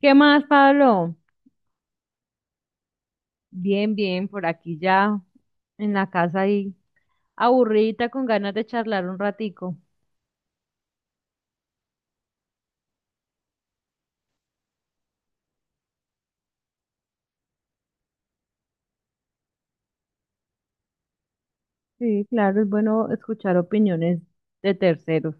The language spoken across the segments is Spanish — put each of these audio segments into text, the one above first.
¿Qué más, Pablo? Bien, bien, por aquí ya en la casa ahí, aburrida con ganas de charlar un ratico. Sí, claro, es bueno escuchar opiniones de terceros.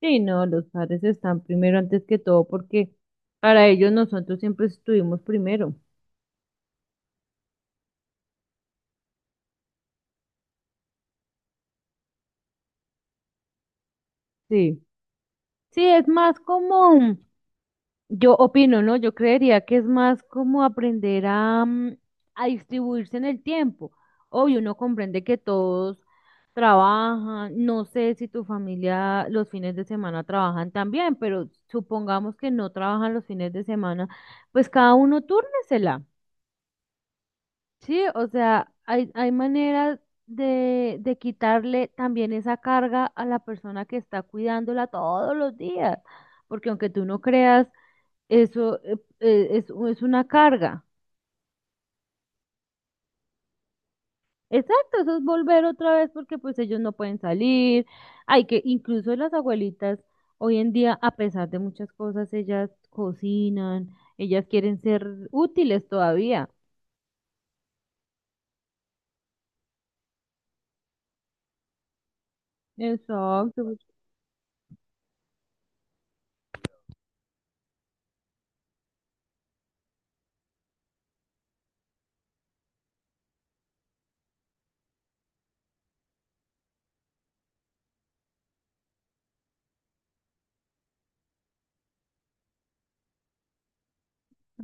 Sí, no, los padres están primero antes que todo porque para ellos nosotros siempre estuvimos primero. Sí, sí, es más como, yo opino, ¿no? Yo creería que es más como aprender a, a distribuirse en el tiempo. Obvio, uno comprende que todos trabajan, no sé si tu familia los fines de semana trabajan también, pero supongamos que no trabajan los fines de semana, pues cada uno túrnesela, ¿sí? O sea, hay maneras de quitarle también esa carga a la persona que está cuidándola todos los días, porque aunque tú no creas, eso es una carga. Exacto, eso es volver otra vez porque pues ellos no pueden salir. Hay que, incluso las abuelitas hoy en día, a pesar de muchas cosas, ellas cocinan, ellas quieren ser útiles todavía. Exacto.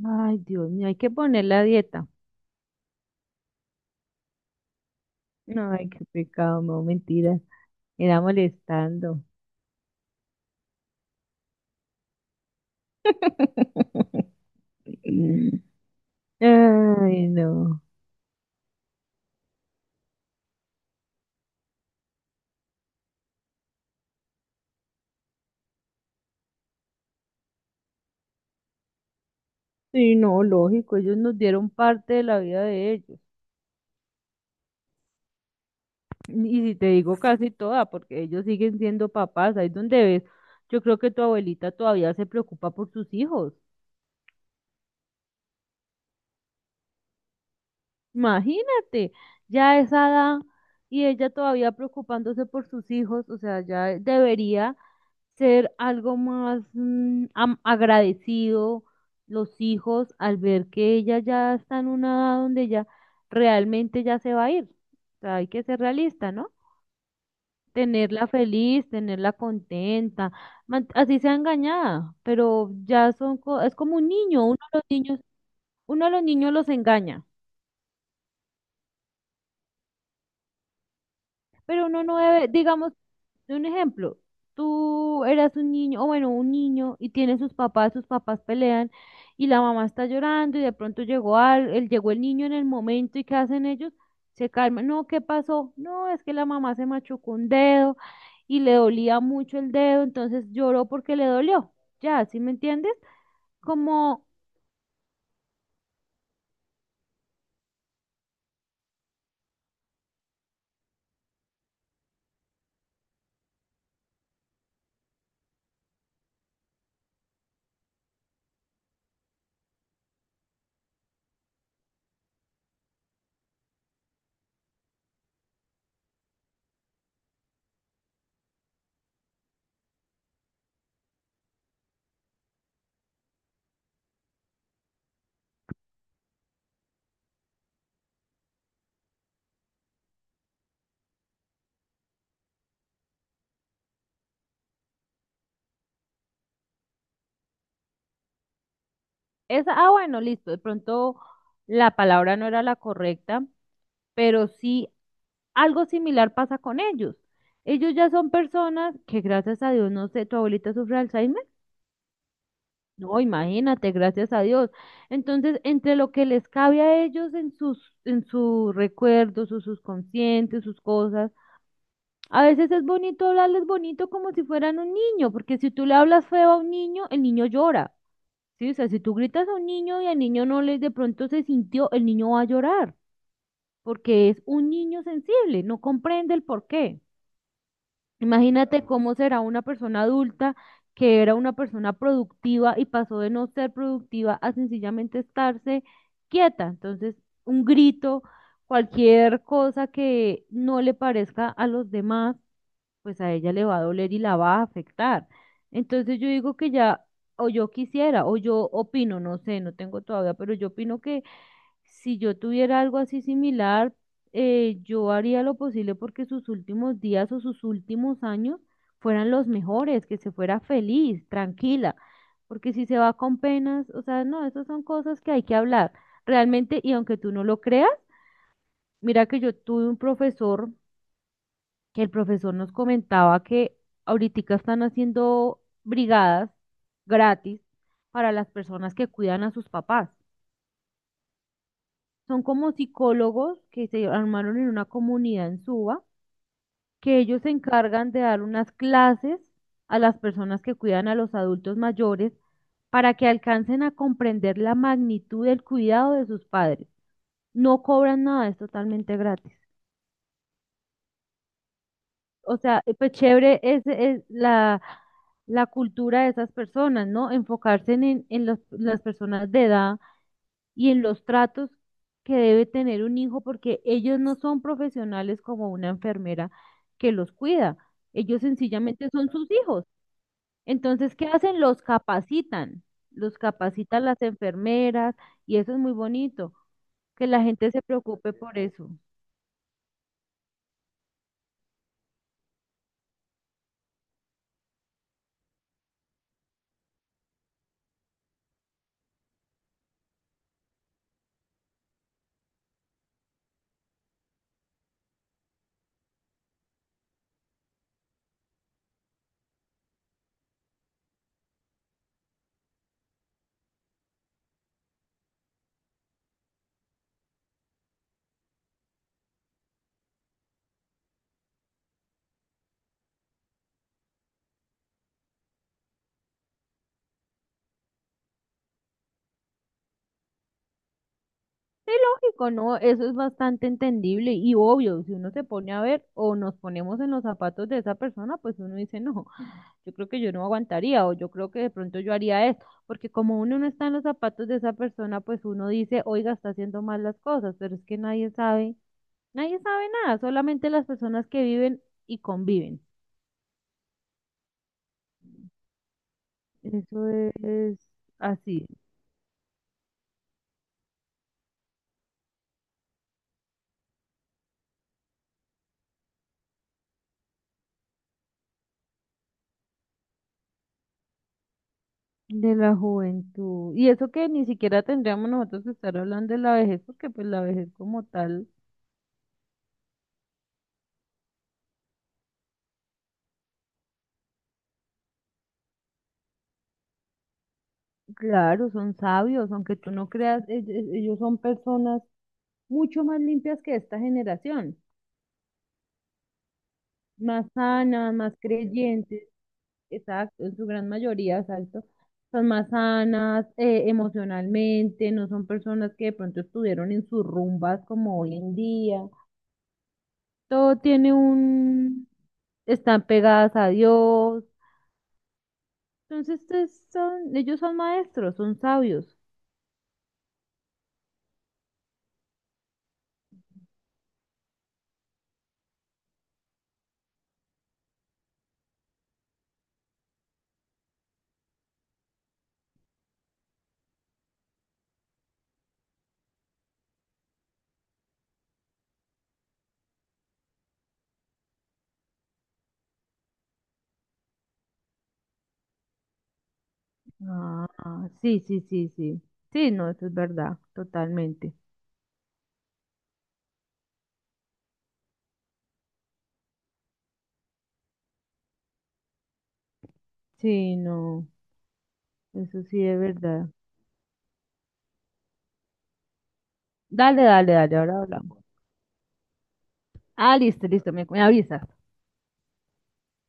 Ay, Dios mío, hay que poner la dieta. No, ay, qué pecado, no, mentiras. Era molestando. Ay, no. Sí, no, lógico, ellos nos dieron parte de la vida de ellos. Y si te digo casi toda, porque ellos siguen siendo papás, ahí es donde ves, yo creo que tu abuelita todavía se preocupa por sus hijos. Imagínate, ya a esa edad y ella todavía preocupándose por sus hijos, o sea, ya debería ser algo más agradecido los hijos al ver que ella ya está en una edad donde ya realmente ya se va a ir. O sea, hay que ser realista, ¿no? Tenerla feliz, tenerla contenta, así sea engañada, pero ya son, es como un niño, uno de los niños, uno de los niños los engaña, pero uno no debe, digamos, un ejemplo, tú eras un niño, o bueno, un niño y tiene sus papás pelean y la mamá está llorando y de pronto llegó el niño en el momento y ¿qué hacen ellos? Se calman, no, ¿qué pasó? No, es que la mamá se machucó un dedo, y le dolía mucho el dedo, entonces lloró porque le dolió. Ya, ¿sí me entiendes? Como esa, ah, bueno, listo, de pronto la palabra no era la correcta, pero sí algo similar pasa con ellos. Ellos ya son personas que gracias a Dios, no sé, tu abuelita sufre de Alzheimer. No, imagínate, gracias a Dios. Entonces, entre lo que les cabe a ellos en sus recuerdos, sus subconscientes, sus cosas, a veces es bonito hablarles bonito como si fueran un niño, porque si tú le hablas feo a un niño, el niño llora. ¿Sí? O sea, si tú gritas a un niño y al niño no le de pronto se sintió, el niño va a llorar, porque es un niño sensible, no comprende el por qué. Imagínate cómo será una persona adulta que era una persona productiva y pasó de no ser productiva a sencillamente estarse quieta. Entonces, un grito, cualquier cosa que no le parezca a los demás pues a ella le va a doler y la va a afectar. Entonces yo digo que ya, o yo quisiera, o yo opino, no sé, no tengo todavía, pero yo opino que si yo tuviera algo así similar, yo haría lo posible porque sus últimos días o sus últimos años fueran los mejores, que se fuera feliz, tranquila, porque si se va con penas, o sea, no, esas son cosas que hay que hablar realmente, y aunque tú no lo creas, mira que yo tuve un profesor que el profesor nos comentaba que ahorita están haciendo brigadas gratis para las personas que cuidan a sus papás. Son como psicólogos que se armaron en una comunidad en Suba, que ellos se encargan de dar unas clases a las personas que cuidan a los adultos mayores para que alcancen a comprender la magnitud del cuidado de sus padres. No cobran nada, es totalmente gratis. O sea, pues chévere es la, la cultura de esas personas, ¿no? Enfocarse en, en las personas de edad y en los tratos que debe tener un hijo, porque ellos no son profesionales como una enfermera que los cuida. Ellos sencillamente son sus hijos. Entonces, ¿qué hacen? Los capacitan. Los capacitan las enfermeras y eso es muy bonito, que la gente se preocupe por eso. Sí, lógico, ¿no? Eso es bastante entendible y obvio, si uno se pone a ver o nos ponemos en los zapatos de esa persona, pues uno dice, no, yo creo que yo no aguantaría o yo creo que de pronto yo haría esto, porque como uno no está en los zapatos de esa persona, pues uno dice, oiga, está haciendo mal las cosas, pero es que nadie sabe, nadie sabe nada, solamente las personas que viven y conviven. Eso es así, de la juventud. Y eso que ni siquiera tendríamos nosotros que estar hablando de la vejez, porque pues la vejez como tal. Claro, son sabios, aunque tú no creas, ellos son personas mucho más limpias que esta generación, más sanas, más creyentes, exacto, en su gran mayoría, exacto, son más sanas emocionalmente, no son personas que de pronto estuvieron en sus rumbas como hoy en día, todo tiene un, están pegadas a Dios, entonces son, ellos son maestros, son sabios. Ah, sí, sí, sí, sí. Sí, no, eso es verdad, totalmente. Sí, no, eso sí es verdad. Dale, dale, dale, ahora hablamos. Ah, listo, listo, me avisas.